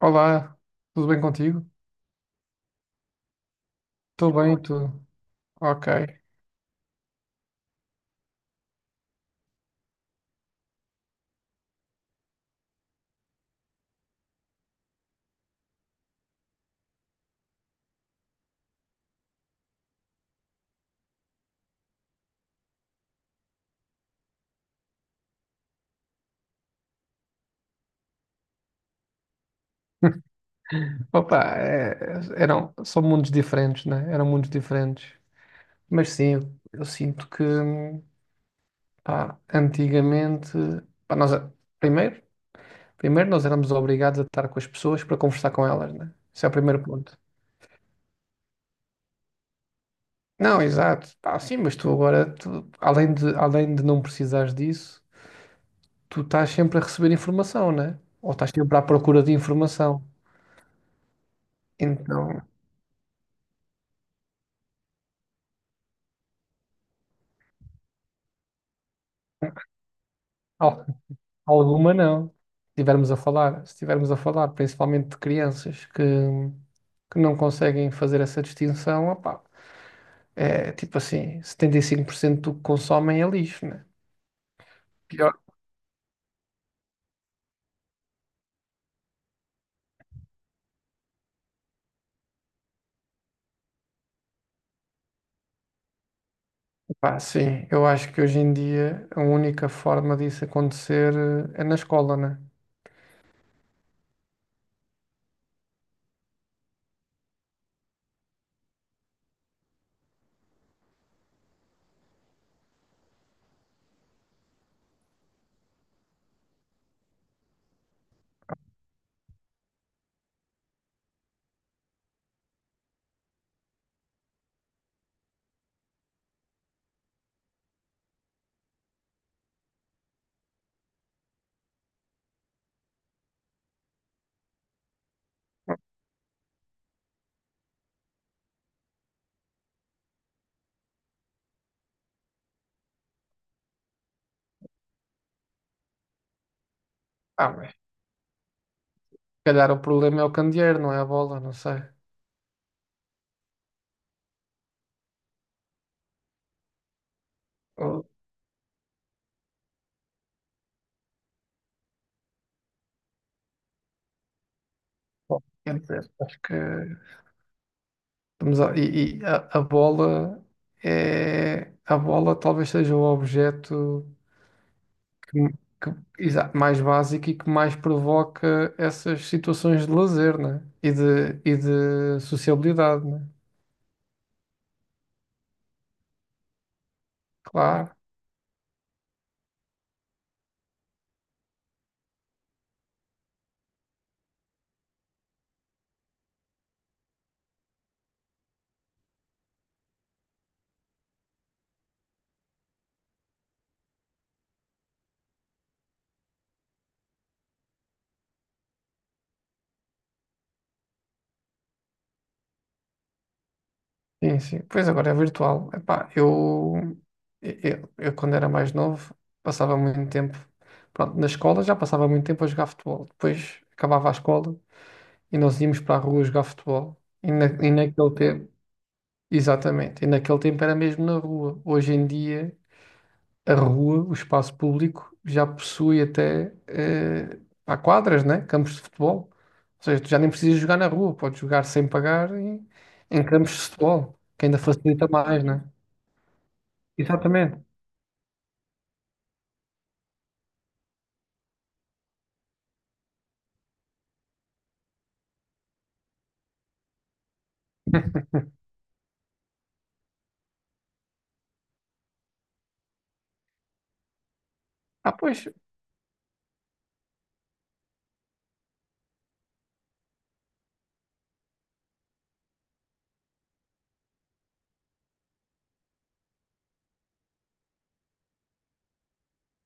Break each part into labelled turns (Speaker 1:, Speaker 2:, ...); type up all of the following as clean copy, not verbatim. Speaker 1: Olá, tudo bem contigo? Estou bem, tudo. Ok. Opa, é- são mundos diferentes, né? Eram mundos diferentes. Mas sim, eu sinto que, pá, antigamente, pá, nós, é, primeiro, primeiro nós éramos obrigados a estar com as pessoas para conversar com elas, né? Esse é o primeiro ponto. Não, exato. Pá, sim, mas tu agora, tu, além de não precisares disso, tu estás sempre a receber informação, né? Ou estás sempre à procura de informação. Então, ao Alguma não. Se estivermos a falar, se estivermos a falar principalmente de crianças que não conseguem fazer essa distinção, opá, é tipo assim, 75% do que consomem é lixo, né? Pior. Opá, sim, eu acho que hoje em dia a única forma disso acontecer é na escola, né? Ah, mas se calhar o problema é o candeeiro, não é a bola, não sei. Ou- bom, quer dizer, acho que estamos a, e a bola é a bola talvez seja o objeto que- que- mais básico e que mais provoca essas situações de lazer, né? E de sociabilidade, né? Claro, sim, sim. Pois agora é virtual. Epá, eu quando era mais novo passava muito tempo, pronto, na escola já passava muito tempo a jogar futebol. Depois acabava a escola e nós íamos para a rua jogar futebol. E naquele tempo, exatamente, e naquele tempo era mesmo na rua. Hoje em dia a rua, o espaço público, já possui há quadras, né? Campos de futebol. Ou seja, tu já nem precisas jogar na rua, podes jogar sem pagar em, em campos de futebol, que ainda facilita mais, né? Exatamente. Ah, pois,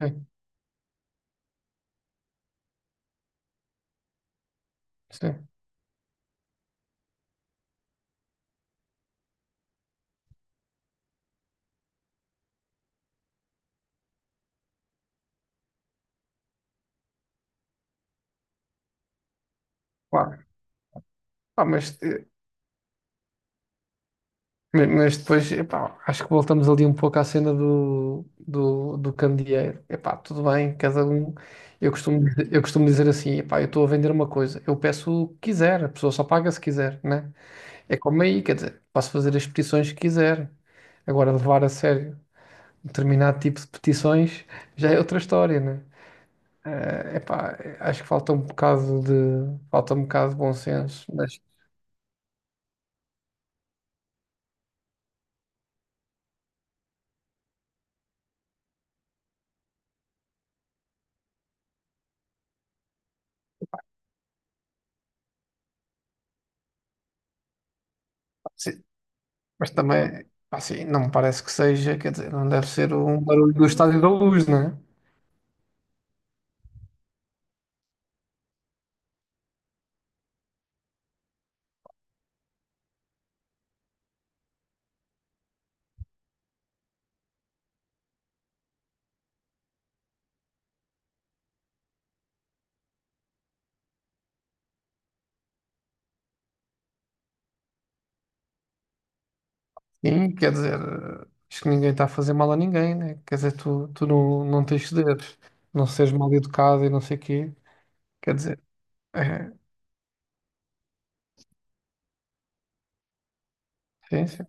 Speaker 1: sim, sim, claro. Ah, mas, eh, mas depois, epá, acho que voltamos ali um pouco à cena do candeeiro. Epá, tudo bem, cada um. Eu costumo dizer assim, epá, eu estou a vender uma coisa, eu peço o que quiser, a pessoa só paga se quiser, né? É como aí, quer dizer, posso fazer as petições que quiser. Agora, levar a sério um determinado tipo de petições já é outra história, né? É epá, acho que falta um bocado de bom senso, mas, sim, mas também, pá, assim, não me parece que seja, quer dizer, não deve ser um barulho do Estádio da Luz, né? Sim, quer dizer, acho que ninguém está a fazer mal a ninguém, né? Quer dizer, tu não, não tens de não seres mal educado e não sei o quê, quer dizer, é, sim, sim.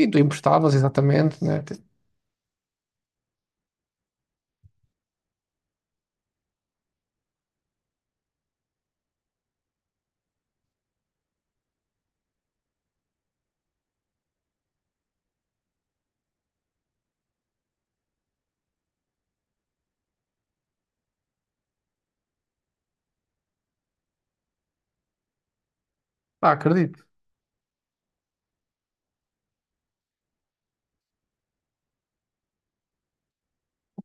Speaker 1: E tu emprestavas, exatamente, né? Tipo, pá, acredito.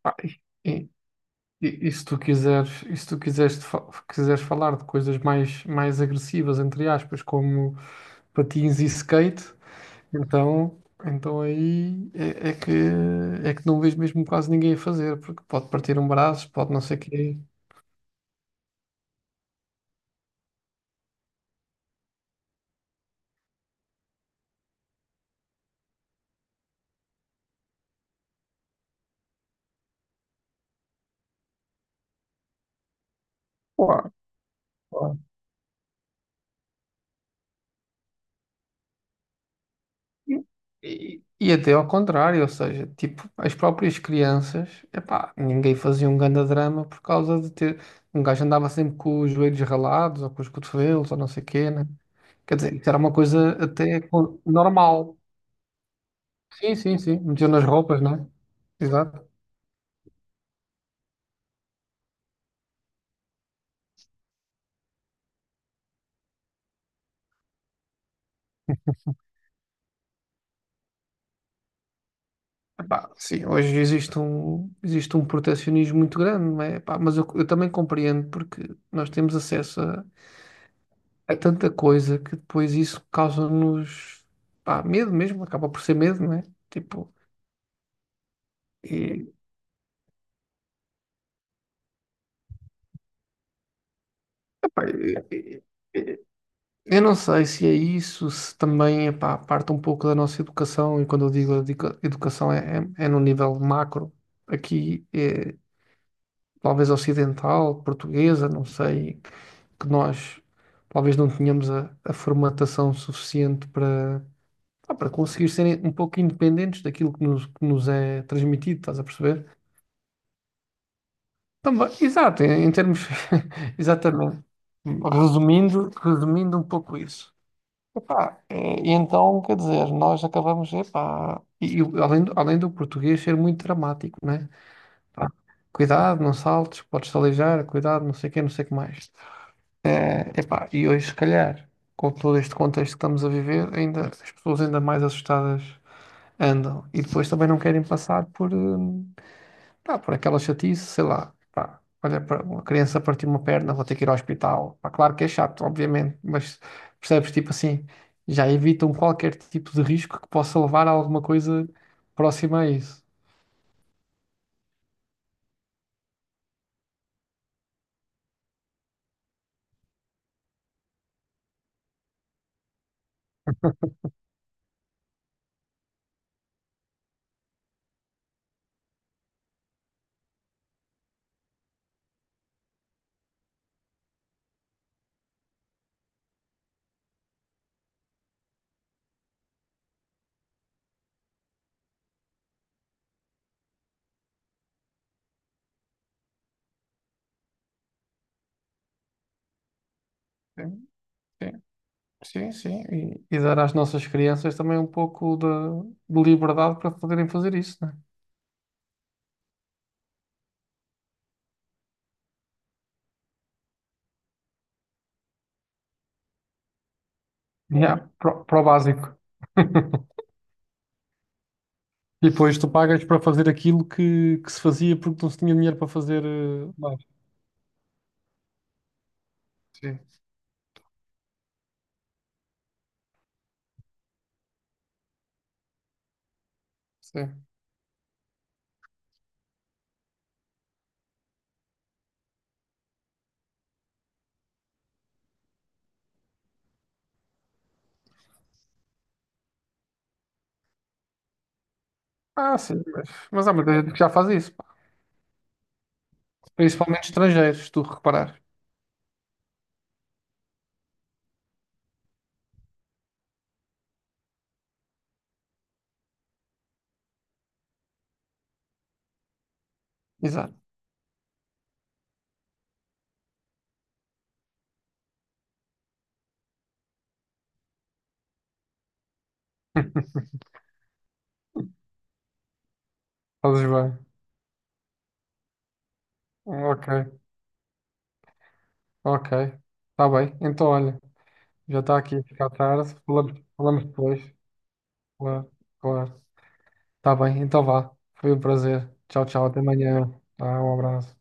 Speaker 1: Pá, e, e- e se tu quiseres, quiseres falar de coisas mais, mais agressivas, entre aspas, como patins e skate, então, então aí é, é que não vejo mesmo quase ninguém a fazer, porque pode partir um braço, pode não sei o quê. Claro. E até ao contrário, ou seja, tipo, as próprias crianças, epá, ninguém fazia um grande drama por causa de ter. Um gajo andava sempre com os joelhos ralados ou com os cotovelos ou não sei o quê, né? Quer dizer, isso era uma coisa normal. Sim, sim, sim. Metiam nas roupas, não é? Exato. Epá, sim, hoje existe um protecionismo muito grande, não é? Epá, mas eu também compreendo porque nós temos acesso é tanta coisa que depois isso causa-nos pá, medo mesmo, acaba por ser medo, não é? Tipo, e, epá, e- e- eu não sei se é isso, se também epá, parte um pouco da nossa educação, e quando eu digo educação é no nível macro, aqui é, talvez ocidental, portuguesa, não sei, que nós talvez não tenhamos a formatação suficiente para, pá, para conseguir serem um pouco independentes daquilo que nos é transmitido, estás a perceber? Também, exato, em termos. Exatamente. Resumindo um pouco isso. Epá, e então, quer dizer, nós acabamos, epá, E além do português ser muito dramático, né? Pá, cuidado, não saltes, podes-te aleijar, cuidado, não sei o quê, não sei o que mais. É, epá, e hoje, se calhar, com todo este contexto que estamos a viver, ainda, as pessoas ainda mais assustadas andam. E depois também não querem passar por. Pá, por aquela chatice, sei lá. Pá, olha, para uma criança partir uma perna, vou ter que ir ao hospital. Pá, claro que é chato, obviamente, mas percebes, tipo assim, já evitam qualquer tipo de risco que possa levar a alguma coisa próxima a isso. Sim, sim, sim. Sim. E dar às nossas crianças também de liberdade para poderem fazer isso, né? Claro. Yeah, pro básico. E depois tu pagas para fazer aquilo que se fazia porque não se tinha dinheiro para fazer mais. Sim, sim. Ah, sim, mas há muita gente que já faz isso, pá. Principalmente estrangeiros, se tu reparar, exato. Fazes bem. Ok, ok. Está bem. Então, olha, já está aqui a ficar tarde. Falamos, falamos depois. Claro, claro. Está bem, então vá. Foi um prazer. Tchau, tchau. Até amanhã. Tá, um abraço.